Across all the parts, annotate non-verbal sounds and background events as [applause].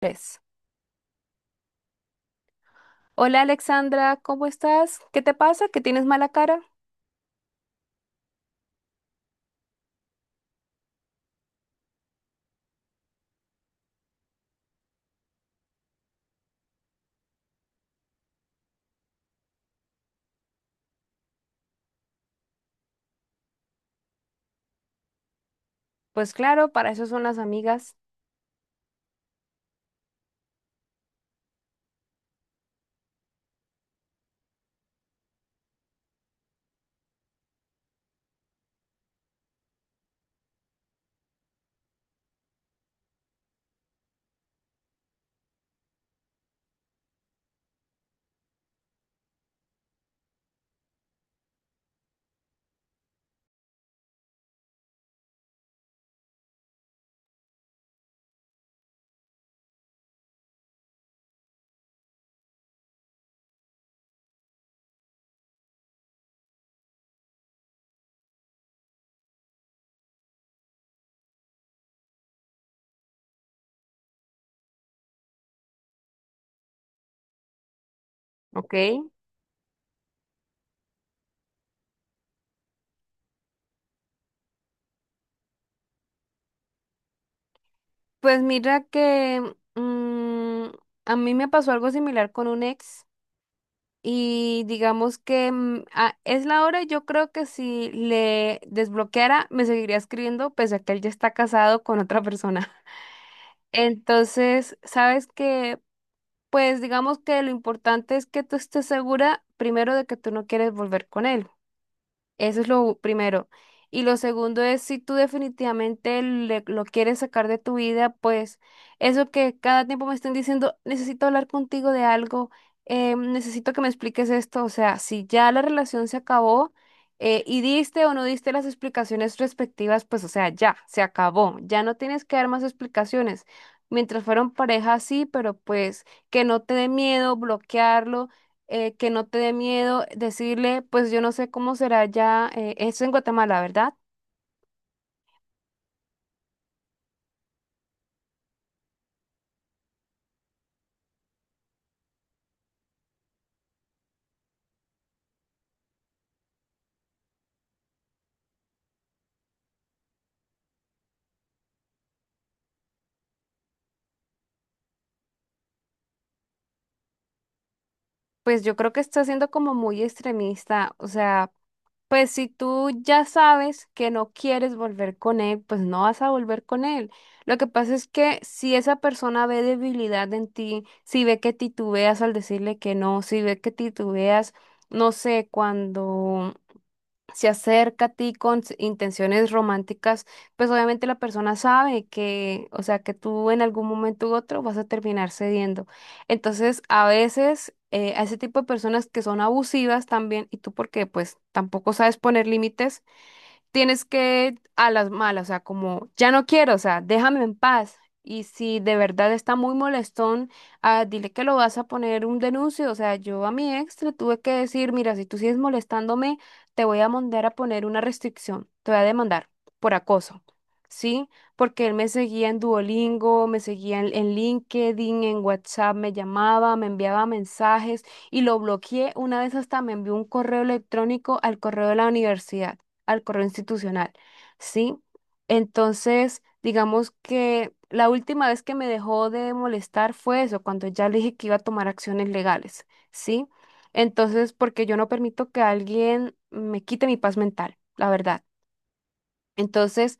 Tres. Hola Alexandra, ¿cómo estás? ¿Qué te pasa? ¿Que tienes mala cara? Pues claro, para eso son las amigas. Ok. Pues mira que mm, a mí me pasó algo similar con un ex y digamos que es la hora, yo creo que si le desbloqueara me seguiría escribiendo pese a que él ya está casado con otra persona. [laughs] Entonces, sabes que, pues digamos que lo importante es que tú estés segura primero de que tú no quieres volver con él. Eso es lo primero. Y lo segundo es, si tú definitivamente lo quieres sacar de tu vida, pues eso que cada tiempo me estén diciendo, necesito hablar contigo de algo, necesito que me expliques esto. O sea, si ya la relación se acabó y diste o no diste las explicaciones respectivas, pues o sea, ya, se acabó. Ya no tienes que dar más explicaciones. Mientras fueron pareja, sí, pero pues que no te dé miedo bloquearlo, que no te dé miedo decirle, pues yo no sé cómo será ya esto en Guatemala, ¿verdad? Pues yo creo que está siendo como muy extremista, o sea, pues si tú ya sabes que no quieres volver con él, pues no vas a volver con él. Lo que pasa es que si esa persona ve debilidad en ti, si ve que titubeas al decirle que no, si ve que titubeas, no sé, cuando se acerca a ti con intenciones románticas, pues obviamente la persona sabe que, o sea, que tú en algún momento u otro vas a terminar cediendo. Entonces, a veces a ese tipo de personas que son abusivas también, y tú porque pues tampoco sabes poner límites, tienes que a las malas, o sea, como ya no quiero, o sea, déjame en paz. Y si de verdad está muy molestón, dile que lo vas a poner un denuncio. O sea, yo a mi ex le tuve que decir, mira, si tú sigues molestándome, te voy a mandar a poner una restricción, te voy a demandar por acoso. ¿Sí? Porque él me seguía en Duolingo, me seguía en LinkedIn, en WhatsApp, me llamaba, me enviaba mensajes y lo bloqueé. Una vez hasta me envió un correo electrónico al correo de la universidad, al correo institucional, ¿sí? Entonces, digamos que la última vez que me dejó de molestar fue eso, cuando ya le dije que iba a tomar acciones legales, ¿sí? Entonces, porque yo no permito que alguien me quite mi paz mental, la verdad. Entonces,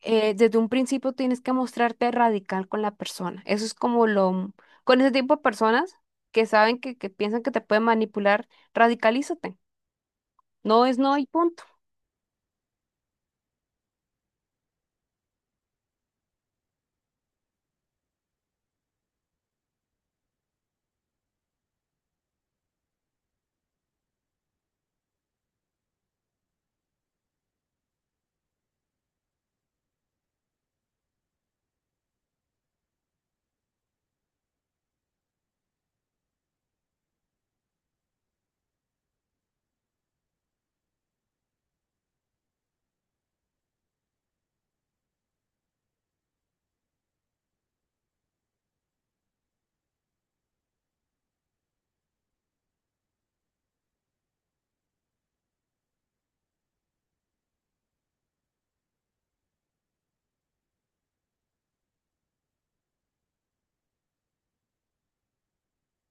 desde un principio tienes que mostrarte radical con la persona. Eso es como con ese tipo de personas que saben que piensan que te pueden manipular, radicalízate. No es no y punto.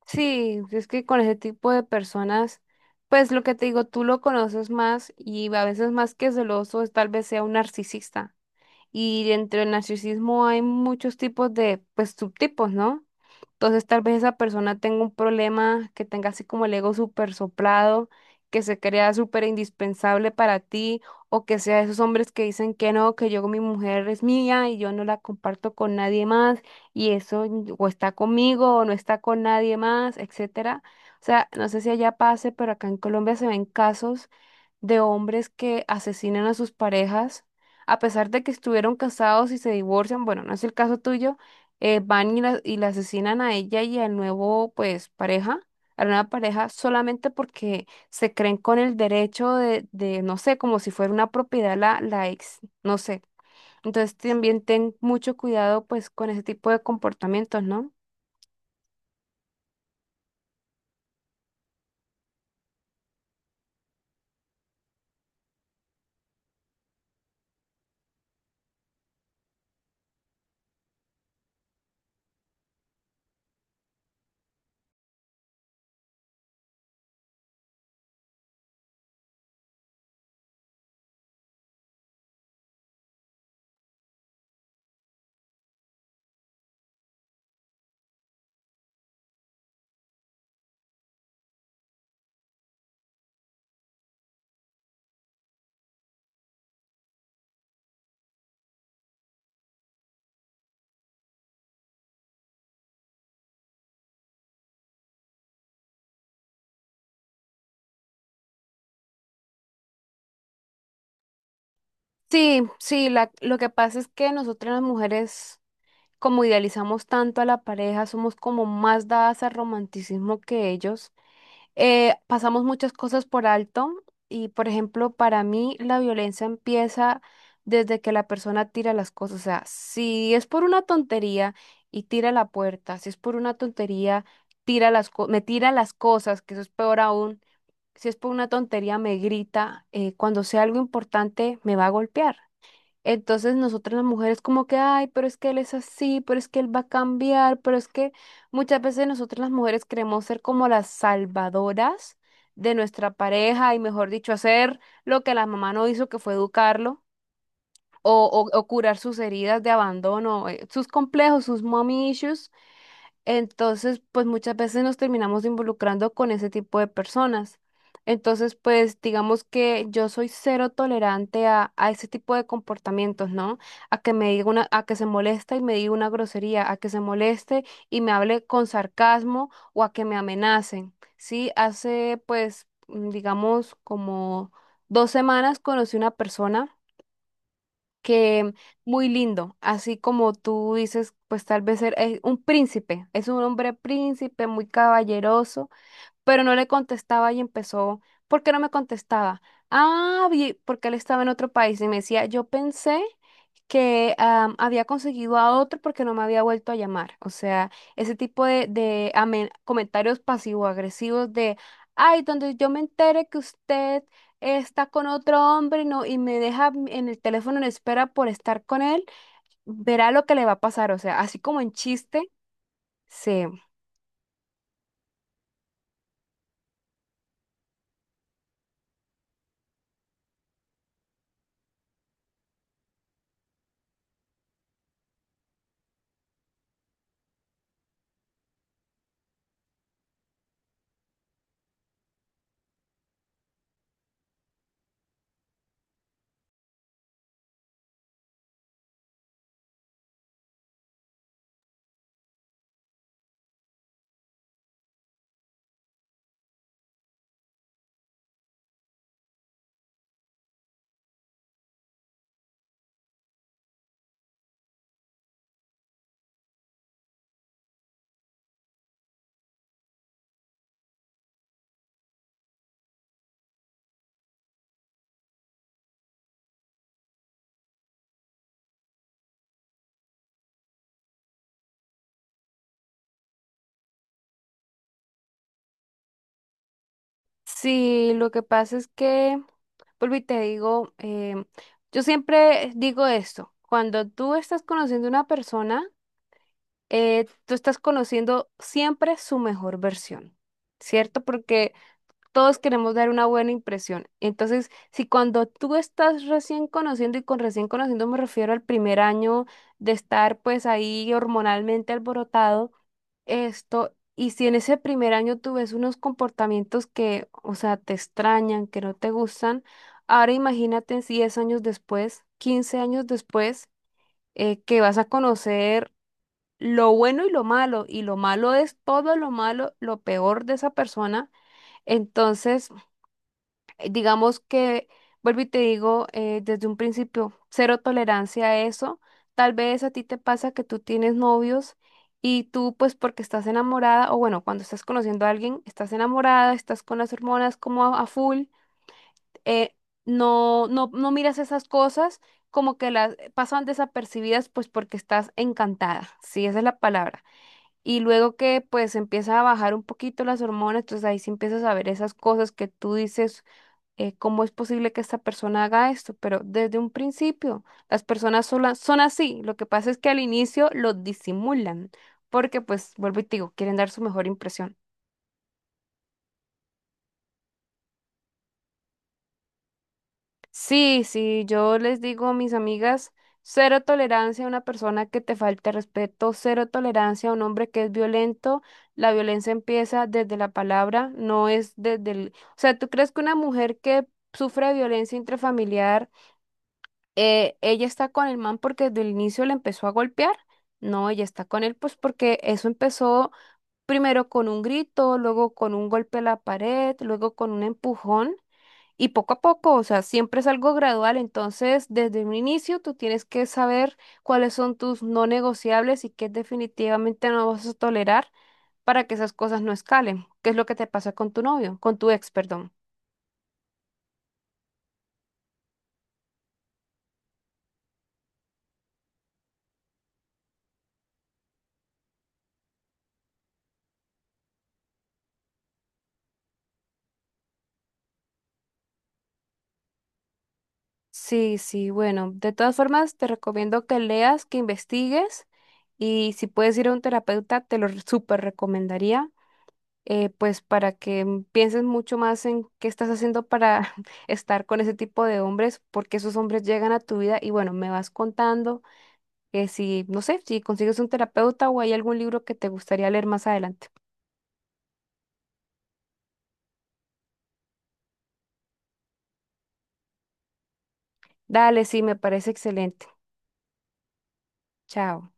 Sí, es que con ese tipo de personas, pues lo que te digo, tú lo conoces más y a veces más que celoso, es tal vez sea un narcisista. Y dentro del narcisismo hay muchos tipos de, pues, subtipos, ¿no? Entonces tal vez esa persona tenga un problema, que tenga así como el ego súper soplado, que se crea súper indispensable para ti, o que sea esos hombres que dicen que no, que yo, mi mujer es mía y yo no la comparto con nadie más, y eso o está conmigo o no está con nadie más, etcétera. O sea, no sé si allá pase, pero acá en Colombia se ven casos de hombres que asesinan a sus parejas, a pesar de que estuvieron casados y se divorcian, bueno, no es el caso tuyo, van y y la asesinan a ella y al nuevo, pues, pareja, a la nueva pareja, solamente porque se creen con el derecho de, no sé, como si fuera una propiedad la ex, no sé. Entonces también ten mucho cuidado, pues, con ese tipo de comportamientos, ¿no? Sí, sí, lo que pasa es que nosotras las mujeres como idealizamos tanto a la pareja, somos como más dadas al romanticismo que ellos. Pasamos muchas cosas por alto y, por ejemplo, para mí la violencia empieza desde que la persona tira las cosas. O sea, si es por una tontería y tira la puerta, si es por una tontería, tira me tira las cosas, que eso es peor aún. Si es por una tontería, me grita. Cuando sea algo importante, me va a golpear. Entonces nosotras las mujeres como que, ay, pero es que él es así, pero es que él va a cambiar, pero es que muchas veces nosotras las mujeres queremos ser como las salvadoras de nuestra pareja y mejor dicho, hacer lo que la mamá no hizo, que fue educarlo o, o curar sus heridas de abandono, sus complejos, sus mommy issues. Entonces, pues muchas veces nos terminamos involucrando con ese tipo de personas. Entonces, pues digamos que yo soy cero tolerante a ese tipo de comportamientos, ¿no? A que me diga una, a que se moleste y me diga una grosería, a que se moleste y me hable con sarcasmo o a que me amenacen. Sí, hace pues, digamos, como dos semanas conocí una persona que muy lindo, así como tú dices, pues tal vez es un príncipe, es un hombre príncipe muy caballeroso, pero no le contestaba y empezó, ¿por qué no me contestaba? Ah, porque él estaba en otro país y me decía, yo pensé que había conseguido a otro porque no me había vuelto a llamar. O sea, ese tipo de, comentarios pasivo-agresivos de, ay, donde yo me entere que usted está con otro hombre no, y me deja en el teléfono en espera por estar con él, verá lo que le va a pasar. O sea, así como en chiste. Sí. Sí, lo que pasa es que, vuelvo y te digo, yo siempre digo esto, cuando tú estás conociendo a una persona, tú estás conociendo siempre su mejor versión, ¿cierto? Porque todos queremos dar una buena impresión. Entonces, si cuando tú estás recién conociendo, y con recién conociendo me refiero al primer año de estar pues ahí hormonalmente alborotado, esto, y si en ese primer año tú ves unos comportamientos que, o sea, te extrañan, que no te gustan, ahora imagínate en 10 años después, 15 años después, que vas a conocer lo bueno y lo malo es todo lo malo, lo peor de esa persona. Entonces, digamos que, vuelvo y te digo, desde un principio, cero tolerancia a eso. Tal vez a ti te pasa que tú tienes novios y tú, pues porque estás enamorada, o bueno, cuando estás conociendo a alguien, estás enamorada, estás con las hormonas como a full, eh, no miras esas cosas como que las pasan desapercibidas, pues porque estás encantada, sí, esa es la palabra. Y luego que pues empieza a bajar un poquito las hormonas, entonces ahí sí empiezas a ver esas cosas que tú dices, cómo es posible que esta persona haga esto, pero desde un principio las son así. Lo que pasa es que al inicio lo disimulan, porque pues, vuelvo y te digo, quieren dar su mejor impresión. Sí, sí, yo les digo a mis amigas, cero tolerancia a una persona que te falte respeto, cero tolerancia a un hombre que es violento. La violencia empieza desde la palabra, no es desde el... O sea, ¿tú crees que una mujer que sufre violencia intrafamiliar ella está con el man porque desde el inicio le empezó a golpear? No, ella está con él pues porque eso empezó primero con un grito, luego con un golpe a la pared, luego con un empujón y poco a poco, o sea, siempre es algo gradual. Entonces, desde un inicio tú tienes que saber cuáles son tus no negociables y qué definitivamente no vas a tolerar para que esas cosas no escalen. ¿Qué es lo que te pasa con tu novio, con tu ex, perdón? Sí, sí, bueno, de todas formas te recomiendo que leas, que investigues y si puedes ir a un terapeuta te lo súper recomendaría, pues para que pienses mucho más en qué estás haciendo para [laughs] estar con ese tipo de hombres, porque esos hombres llegan a tu vida y bueno, me vas contando que si, no sé, si consigues un terapeuta o hay algún libro que te gustaría leer más adelante. Dale, sí, me parece excelente. Chao.